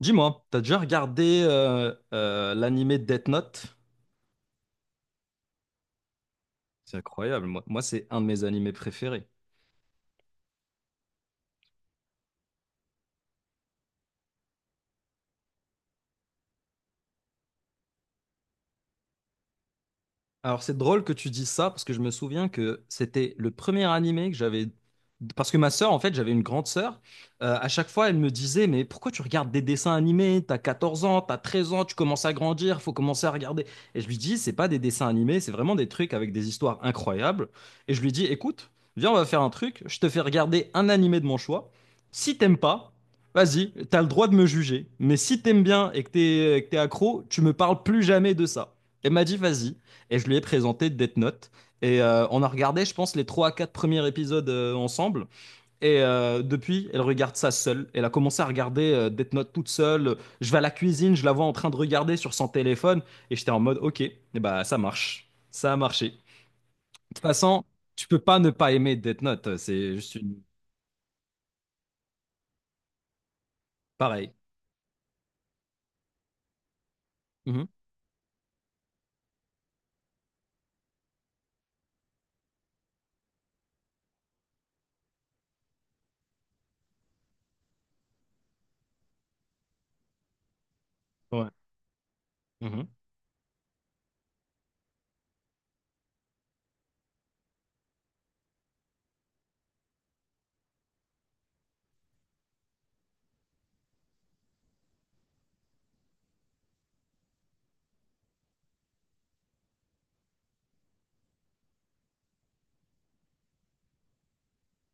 Dis-moi, t'as déjà regardé l'animé Death Note? C'est incroyable, moi, c'est un de mes animés préférés. Alors c'est drôle que tu dis ça parce que je me souviens que c'était le premier animé que j'avais parce que ma sœur en fait j'avais une grande sœur à chaque fois elle me disait mais pourquoi tu regardes des dessins animés t'as 14 ans t'as 13 ans tu commences à grandir faut commencer à regarder et je lui dis c'est pas des dessins animés c'est vraiment des trucs avec des histoires incroyables et je lui dis écoute viens on va faire un truc je te fais regarder un animé de mon choix si t'aimes pas vas-y t'as le droit de me juger mais si t'aimes bien et que t'es accro tu me parles plus jamais de ça elle m'a dit vas-y et je lui ai présenté Death Note. Et on a regardé, je pense, les 3 à 4 premiers épisodes ensemble. Et depuis, elle regarde ça seule. Elle a commencé à regarder Death Note toute seule. Je vais à la cuisine, je la vois en train de regarder sur son téléphone. Et j'étais en mode, ok, et bah, ça marche. Ça a marché. De toute façon, tu peux pas ne pas aimer Death Note. C'est juste une... pareil. Mhm. Ouais. Mhm.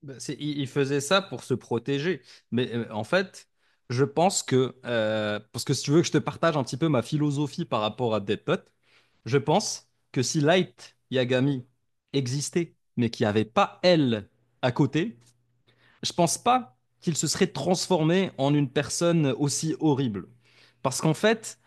Ben, il faisait ça pour se protéger. Mais en fait, je pense que, parce que si tu veux que je te partage un petit peu ma philosophie par rapport à Dead Note, je pense que si Light Yagami existait, mais qu'il n'y avait pas elle à côté, je pense pas qu'il se serait transformé en une personne aussi horrible. Parce qu'en fait,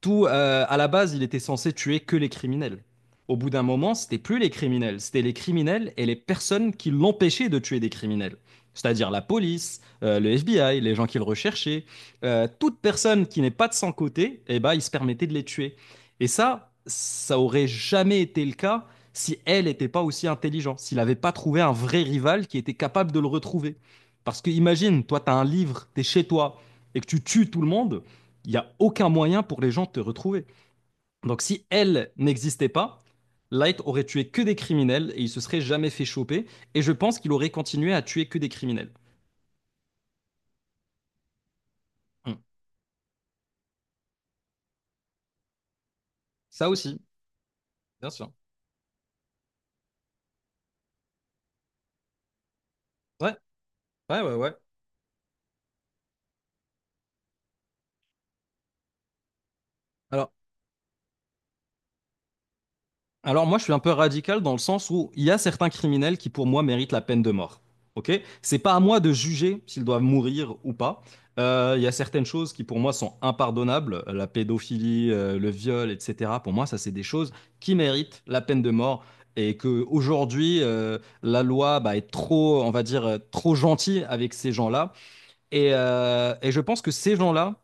tout, à la base, il était censé tuer que les criminels. Au bout d'un moment, c'était plus les criminels, c'était les criminels et les personnes qui l'empêchaient de tuer des criminels. C'est-à-dire la police, le FBI, les gens qui le recherchaient, toute personne qui n'est pas de son côté, eh ben, il se permettait de les tuer. Et ça aurait jamais été le cas si elle n'était pas aussi intelligente, s'il n'avait pas trouvé un vrai rival qui était capable de le retrouver. Parce que imagine, toi, tu as un livre, tu es chez toi et que tu tues tout le monde, il n'y a aucun moyen pour les gens de te retrouver. Donc si elle n'existait pas, Light aurait tué que des criminels et il se serait jamais fait choper. Et je pense qu'il aurait continué à tuer que des criminels. Hmm. Ça aussi, bien sûr. Ouais, ouais, ouais, ouais. Alors, Alors moi, je suis un peu radical dans le sens où il y a certains criminels qui, pour moi, méritent la peine de mort. Ok? C'est pas à moi de juger s'ils doivent mourir ou pas. Il y a certaines choses qui, pour moi, sont impardonnables. La pédophilie, le viol, etc. Pour moi, ça, c'est des choses qui méritent la peine de mort. Et que aujourd'hui, la loi bah, est trop, on va dire, trop gentille avec ces gens-là. Et je pense que ces gens-là,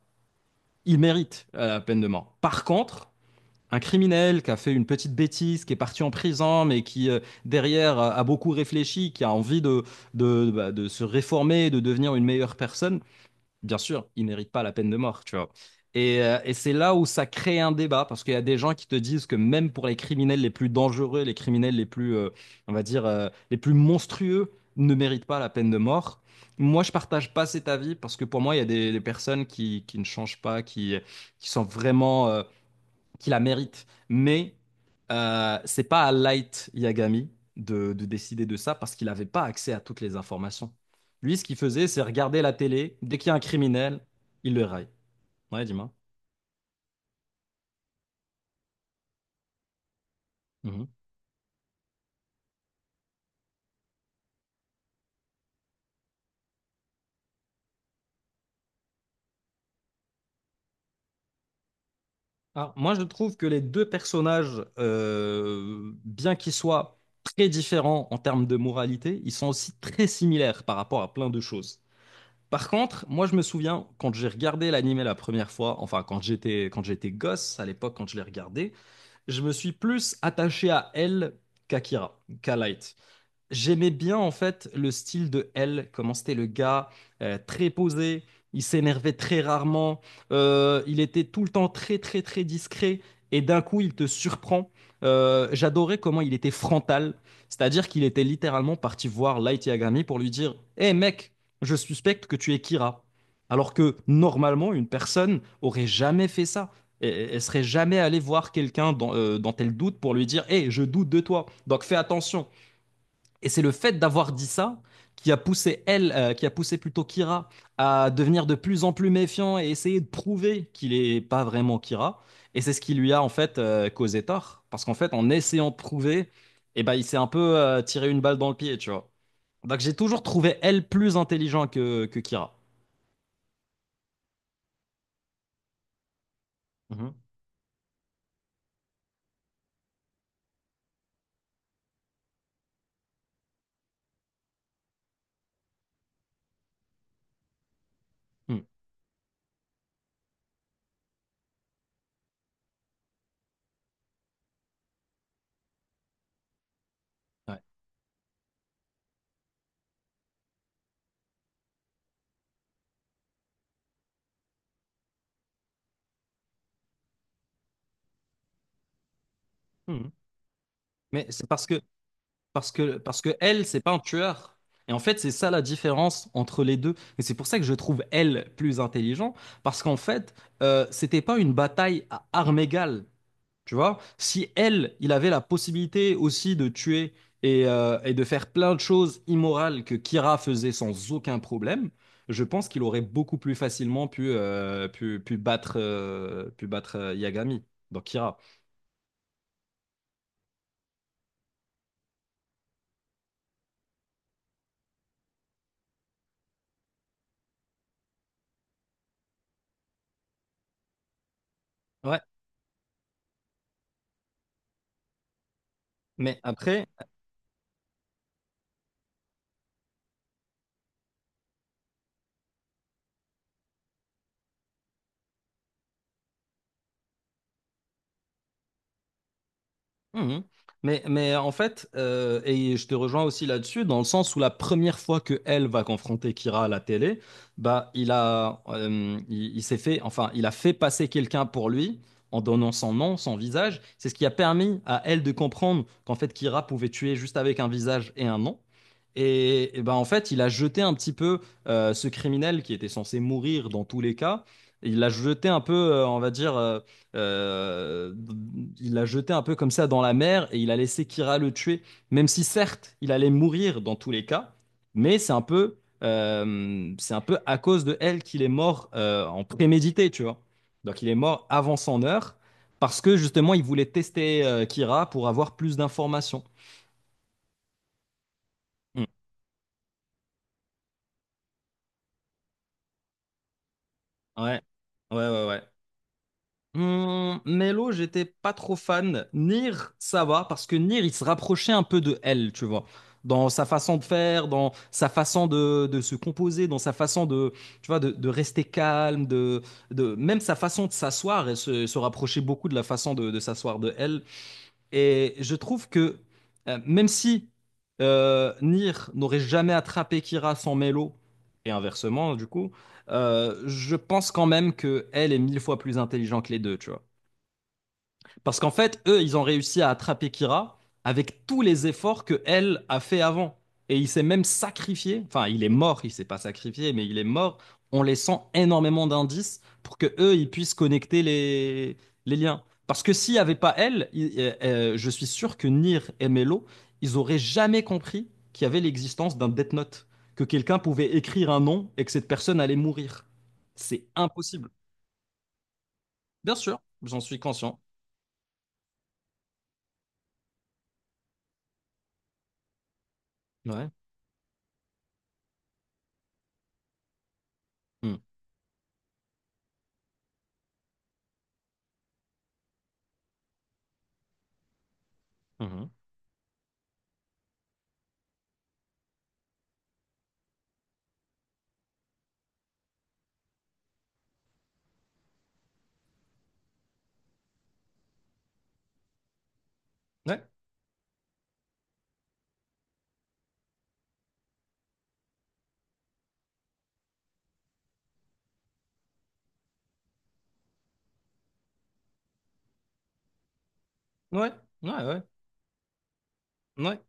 ils méritent la peine de mort. Par contre, un criminel qui a fait une petite bêtise, qui est parti en prison, mais qui derrière a beaucoup réfléchi, qui a envie de, bah, de se réformer, de devenir une meilleure personne, bien sûr, il mérite pas la peine de mort, tu vois. Et c'est là où ça crée un débat, parce qu'il y a des gens qui te disent que même pour les criminels les plus dangereux, les criminels les plus, on va dire, les plus monstrueux, ne méritent pas la peine de mort. Moi, je partage pas cet avis, parce que pour moi, il y a des personnes qui ne changent pas, qui sont vraiment... qui la mérite. Mais c'est pas à Light Yagami de décider de ça parce qu'il n'avait pas accès à toutes les informations. Lui, ce qu'il faisait, c'est regarder la télé. Dès qu'il y a un criminel, il le raille. Ouais, dis-moi. Mhm. Alors, moi, je trouve que les deux personnages, bien qu'ils soient très différents en termes de moralité, ils sont aussi très similaires par rapport à plein de choses. Par contre, moi, je me souviens, quand j'ai regardé l'animé la première fois, enfin, quand j'étais gosse, à l'époque, quand je l'ai regardé, je me suis plus attaché à elle qu'à Kira, qu'à Light. J'aimais bien en fait le style de L, comment c'était le gars, très posé, il s'énervait très rarement, il était tout le temps très discret et d'un coup il te surprend. J'adorais comment il était frontal, c'est-à-dire qu'il était littéralement parti voir Light Yagami pour lui dire «Hé mec, je suspecte que tu es Kira». Alors que normalement une personne aurait jamais fait ça. Et- Elle serait jamais allée voir quelqu'un dans, dont elle doute pour lui dire «Hé, je doute de toi, donc fais attention». Et c'est le fait d'avoir dit ça qui a poussé elle, qui a poussé plutôt Kira à devenir de plus en plus méfiant et essayer de prouver qu'il n'est pas vraiment Kira. Et c'est ce qui lui a en fait causé tort. Parce qu'en fait, en essayant de prouver, eh ben, il s'est un peu tiré une balle dans le pied, tu vois. Donc j'ai toujours trouvé elle plus intelligente que Kira. Mhm. Mhm. Ouais. Mhm. Mais c'est parce que Parce que, parce que elle, c'est pas un tueur. Et en fait, c'est ça la différence entre les deux. Et c'est pour ça que je trouve elle plus intelligent. Parce qu'en fait, c'était pas une bataille à armes égales. Tu vois? Si elle, il avait la possibilité aussi de tuer et de faire plein de choses immorales que Kira faisait sans aucun problème, je pense qu'il aurait beaucoup plus facilement pu, pu battre Yagami. Donc Kira. Ouais. Mais après. Mhm. Mais en fait, et je te rejoins aussi là-dessus, dans le sens où la première fois que elle va confronter Kira à la télé, bah il a, il s'est fait, enfin, il a fait passer quelqu'un pour lui en donnant son nom, son visage. C'est ce qui a permis à elle de comprendre qu'en fait Kira pouvait tuer juste avec un visage et un nom. Et ben en fait, il a jeté un petit peu ce criminel qui était censé mourir dans tous les cas. Il l'a jeté un peu, on va dire. Euh, il l'a jeté un peu comme ça dans la mer et il a laissé Kira le tuer, même si certes il allait mourir dans tous les cas, mais c'est un peu à cause de elle qu'il est mort en prémédité, tu vois. Donc il est mort avant son heure parce que justement il voulait tester Kira pour avoir plus d'informations. Hmm. Ouais, ouais, ouais, ouais. Melo, j'étais pas trop fan. Nier, ça va, parce que Nier, il se rapprochait un peu de elle, tu vois. Dans sa façon de faire, dans sa façon de se composer, dans sa façon de, tu vois, de rester calme, de, même sa façon de s'asseoir, elle se, se rapprochait beaucoup de la façon de s'asseoir de elle. Et je trouve que, même si Nier n'aurait jamais attrapé Kira sans Melo, et inversement, du coup, je pense quand même que elle est mille fois plus intelligente que les deux, tu vois. Parce qu'en fait, eux, ils ont réussi à attraper Kira avec tous les efforts que elle a fait avant. Et il s'est même sacrifié. Enfin, il est mort, il s'est pas sacrifié, mais il est mort en laissant énormément d'indices pour que eux, ils puissent connecter les liens. Parce que s'il n'y avait pas elle, je suis sûr que Nier et Melo, ils auraient jamais compris qu'il y avait l'existence d'un Death Note, que quelqu'un pouvait écrire un nom et que cette personne allait mourir. C'est impossible. Bien sûr, j'en suis conscient. Ouais. Mm. Mhm. Ouais. Ouais, ouais, ouais, ouais, ouais,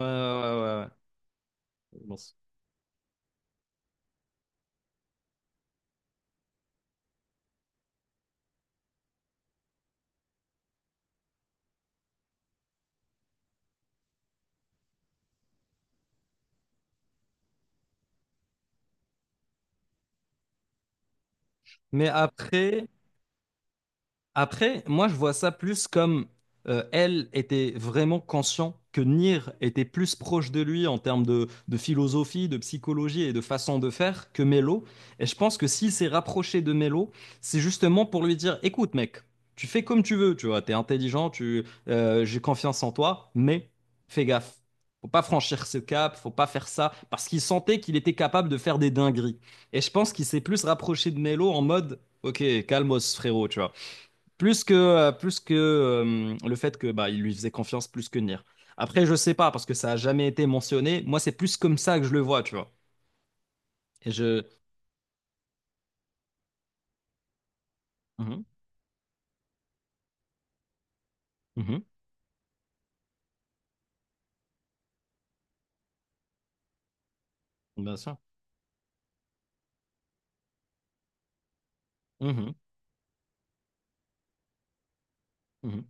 ouais, ouais, ouais, ouais, je pense. Mais après, Après, moi, je vois ça plus comme elle était vraiment conscient que Nier était plus proche de lui en termes de philosophie, de psychologie et de façon de faire que Melo. Et je pense que s'il s'est rapproché de Melo, c'est justement pour lui dire, écoute, mec, tu fais comme tu veux, tu vois, t'es intelligent, tu, j'ai confiance en toi, mais fais gaffe. Faut pas franchir ce cap, faut pas faire ça, parce qu'il sentait qu'il était capable de faire des dingueries. Et je pense qu'il s'est plus rapproché de Melo en mode, ok, calmos, frérot, tu vois. Plus que, plus que le fait que bah, il lui faisait confiance plus que Nier. Après, je sais pas, parce que ça a jamais été mentionné. Moi, c'est plus comme ça que je le vois, tu vois. Et je. Mhm, mhm, bien sûr. Mhm, mhm,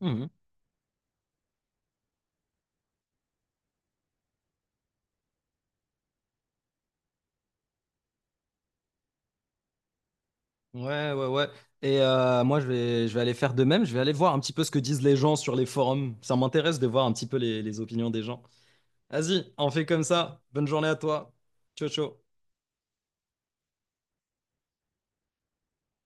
mhm. Ouais, ouais, ouais. Et moi, je vais aller faire de même. Je vais aller voir un petit peu ce que disent les gens sur les forums. Ça m'intéresse de voir un petit peu les opinions des gens. Vas-y, on fait comme ça. Bonne journée à toi. Ciao, ciao.